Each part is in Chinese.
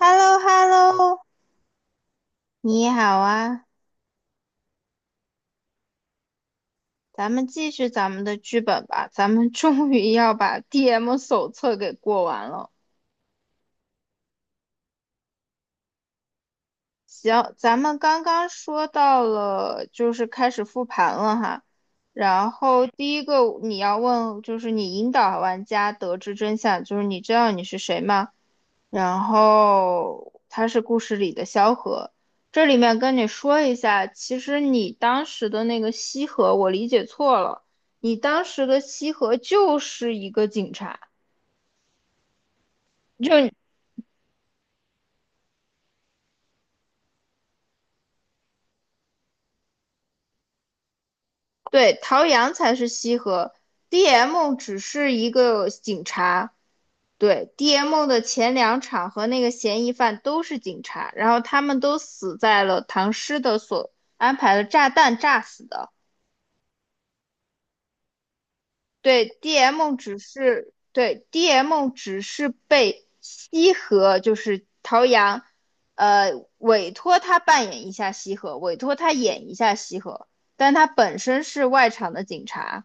h e l l o h e l l o 你好啊，咱们继续咱们的剧本吧。咱们终于要把 DM 手册给过完了。行，咱们刚刚说到了，就是开始复盘了哈。然后第一个你要问，就是你引导玩家得知真相，就是你知道你是谁吗？然后他是故事里的萧何。这里面跟你说一下，其实你当时的那个西河，我理解错了。你当时的西河就是一个警察，就对，陶阳才是西河，DM 只是一个警察。对，DM 的前两场和那个嫌疑犯都是警察，然后他们都死在了唐诗的所安排的炸弹炸死的。对，DM 只是对 DM 只是被西河，就是陶阳，委托他扮演一下西河，委托他演一下西河，但他本身是外场的警察。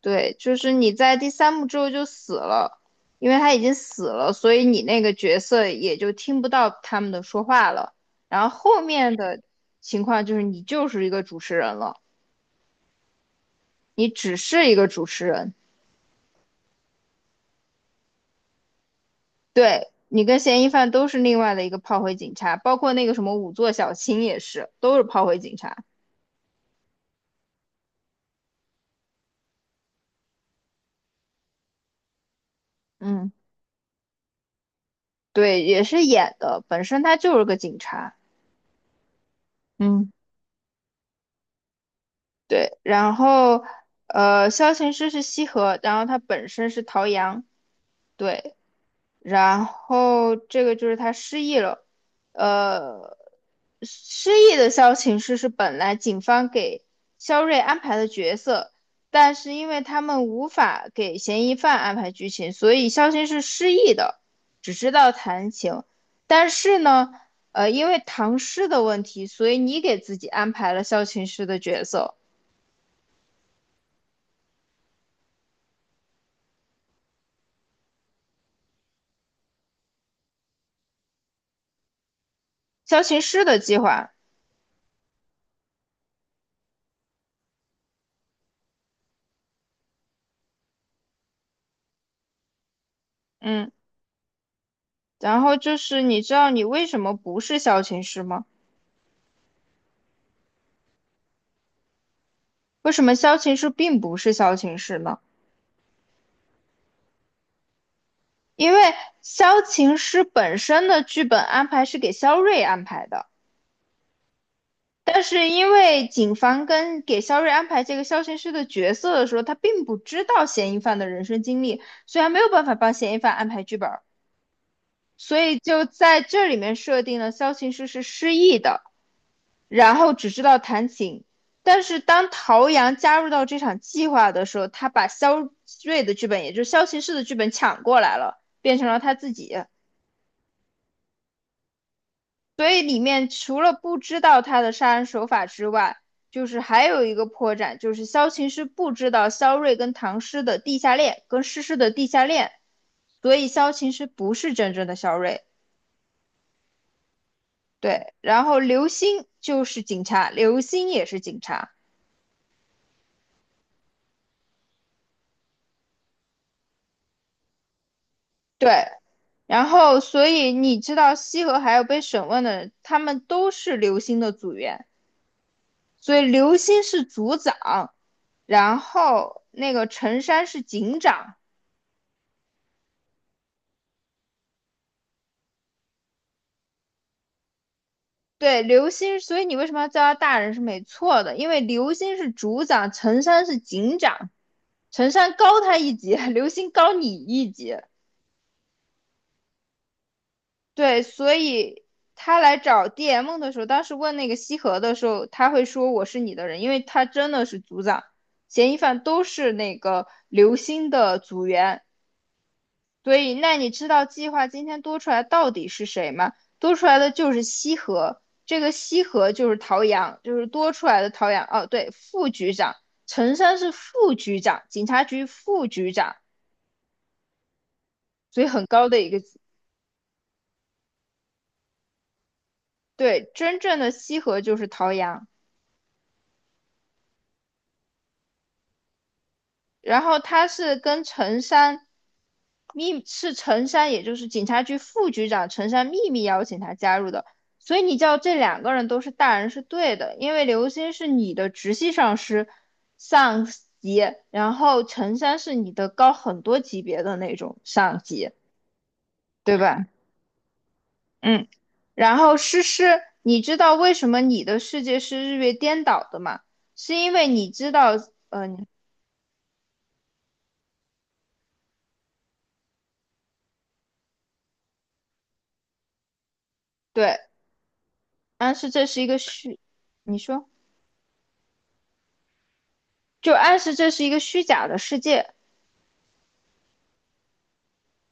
对，就是你在第三幕之后就死了，因为他已经死了，所以你那个角色也就听不到他们的说话了。然后后面的情况就是你就是一个主持人了，你只是一个主持人。对，你跟嫌疑犯都是另外的一个炮灰警察，包括那个什么五座小青也是，都是炮灰警察。嗯，对，也是演的，本身他就是个警察。嗯，对，然后萧琴师是西河，然后他本身是陶阳。对，然后这个就是他失忆了，呃，失忆的萧琴师是本来警方给肖瑞安排的角色，但是因为他们无法给嫌疑犯安排剧情，所以萧琴是失忆的，只知道弹琴。但是呢，因为唐诗的问题，所以你给自己安排了萧琴师的角色，萧琴师的计划，嗯，然后就是你知道你为什么不是萧琴师吗？为什么萧琴师并不是萧琴师呢？因为萧琴师本身的剧本安排是给萧睿安排的，但是因为警方跟给萧睿安排这个萧琴师的角色的时候，他并不知道嫌疑犯的人生经历，所以他没有办法帮嫌疑犯安排剧本，所以就在这里面设定了萧琴师是失忆的，然后只知道弹琴。但是当陶阳加入到这场计划的时候，他把肖瑞的剧本，也就是萧骑士的剧本抢过来了，变成了他自己。所以里面除了不知道他的杀人手法之外，就是还有一个破绽，就是萧琴师不知道萧睿跟唐诗的地下恋，跟诗诗的地下恋，所以萧琴师不是真正的萧睿。对，然后刘星就是警察，刘星也是警察。对，然后，所以你知道西河还有被审问的人，他们都是刘星的组员，所以刘星是组长，然后那个陈山是警长。对，刘星，所以你为什么要叫他大人是没错的，因为刘星是组长，陈山是警长，陈山高他一级，刘星高你一级，对，所以他来找 DM 的时候，当时问那个西河的时候，他会说我是你的人，因为他真的是组长，嫌疑犯都是那个刘星的组员，所以那你知道计划今天多出来到底是谁吗？多出来的就是西河，这个西河就是陶阳，就是多出来的陶阳。哦，对，副局长，陈山是副局长，警察局副局长，所以很高的一个级，对，真正的西河就是陶阳。然后他是跟陈山是陈山，也就是警察局副局长陈山秘密邀请他加入的，所以你叫这两个人都是大人是对的，因为刘星是你的直系上级，然后陈山是你的高很多级别的那种上级，对吧？嗯，然后诗诗，你知道为什么你的世界是日月颠倒的吗？是因为你知道，嗯、对，但是这是一个虚，你说。就暗示这是一个虚假的世界。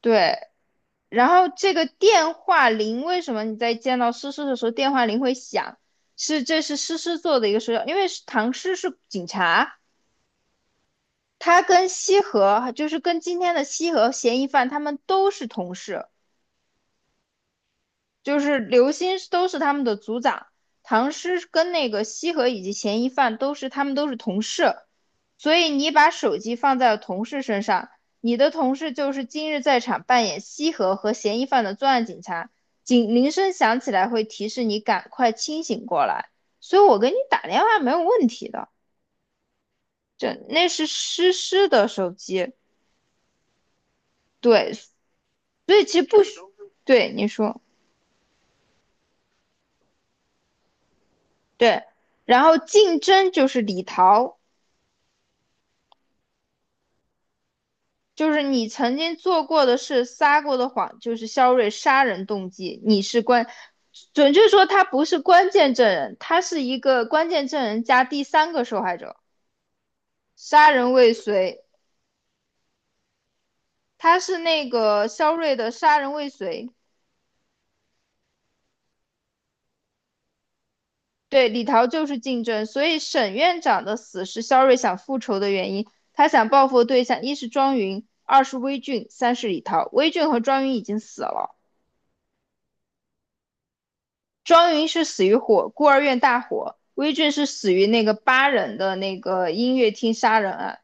对，然后这个电话铃为什么你在见到诗诗的时候电话铃会响？是这是诗诗做的一个手脚，因为是唐诗是警察，他跟西河就是跟今天的西河嫌疑犯他们都是同事，就是刘歆都是他们的组长，唐诗跟那个西河以及嫌疑犯都是他们都是同事，所以你把手机放在了同事身上，你的同事就是今日在场扮演西河和嫌疑犯的作案警察，警铃声响起来会提示你赶快清醒过来，所以我给你打电话没有问题的，这那是诗诗的手机，对，所以其实不需，对你说对，然后竞争就是李桃。就是你曾经做过的事、撒过的谎，就是肖瑞杀人动机。你是关，准确说他不是关键证人，他是一个关键证人加第三个受害者，杀人未遂。他是那个肖瑞的杀人未遂，对李桃就是竞争，所以沈院长的死是肖瑞想复仇的原因。他想报复的对象一是庄云，二是微俊，三是李桃。微俊和庄云已经死了。庄云是死于火，孤儿院大火；威震是死于那个八人的那个音乐厅杀人案。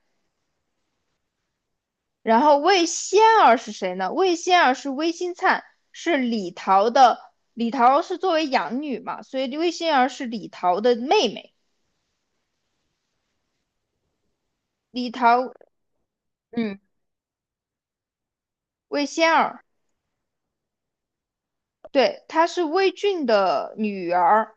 然后魏仙儿是谁呢？魏仙儿是魏新灿，是李桃的。李桃是作为养女嘛，所以魏仙儿是李桃的妹妹。李桃，嗯，魏仙儿，对，她是魏俊的女儿，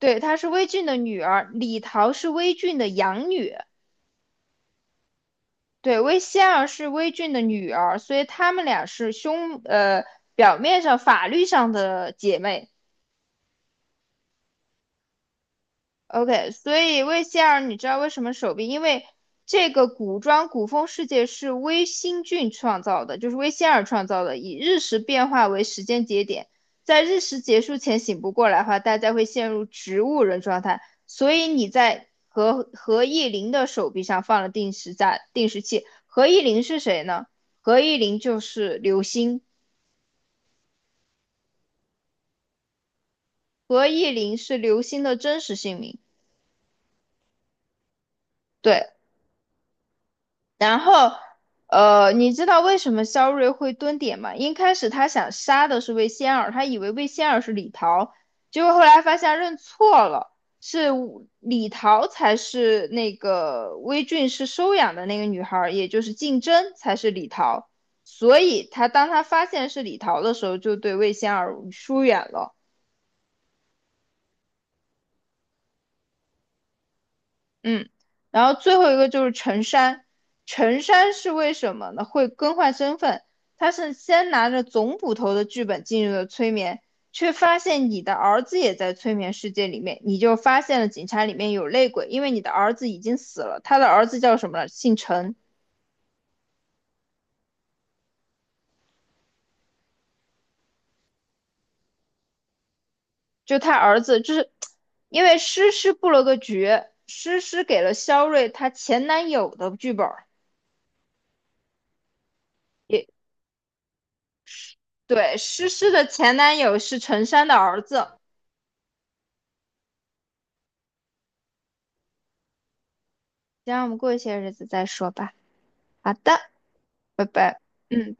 对，她是魏俊的女儿。李桃是魏俊的养女，对，薇仙尔是薇俊的女儿，所以她们俩是表面上法律上的姐妹，OK，所以魏希尔，你知道为什么手臂？因为这个古装古风世界是微星俊创造的，就是魏仙儿创造的，以日食变化为时间节点，在日食结束前醒不过来的话，大家会陷入植物人状态。所以你在何意林的手臂上放了定时器。何意林是谁呢？何意林就是刘星，何意林是刘星的真实姓名。对，然后，你知道为什么肖瑞会蹲点吗？一开始他想杀的是魏仙儿，他以为魏仙儿是李桃，结果后来发现认错了，是李桃才是那个魏俊是收养的那个女孩儿，也就是竞争才是李桃。所以当他发现是李桃的时候，就对魏仙儿疏远了。嗯，然后最后一个就是陈山，陈山是为什么呢？会更换身份，他是先拿着总捕头的剧本进入了催眠，却发现你的儿子也在催眠世界里面，你就发现了警察里面有内鬼，因为你的儿子已经死了，他的儿子叫什么了？姓陈，就他儿子，就是因为诗诗布了个局，诗诗给了肖瑞她前男友的剧本也对，诗诗的前男友是陈山的儿子。先让我们过一些日子再说吧。好的，拜拜。嗯，拜拜。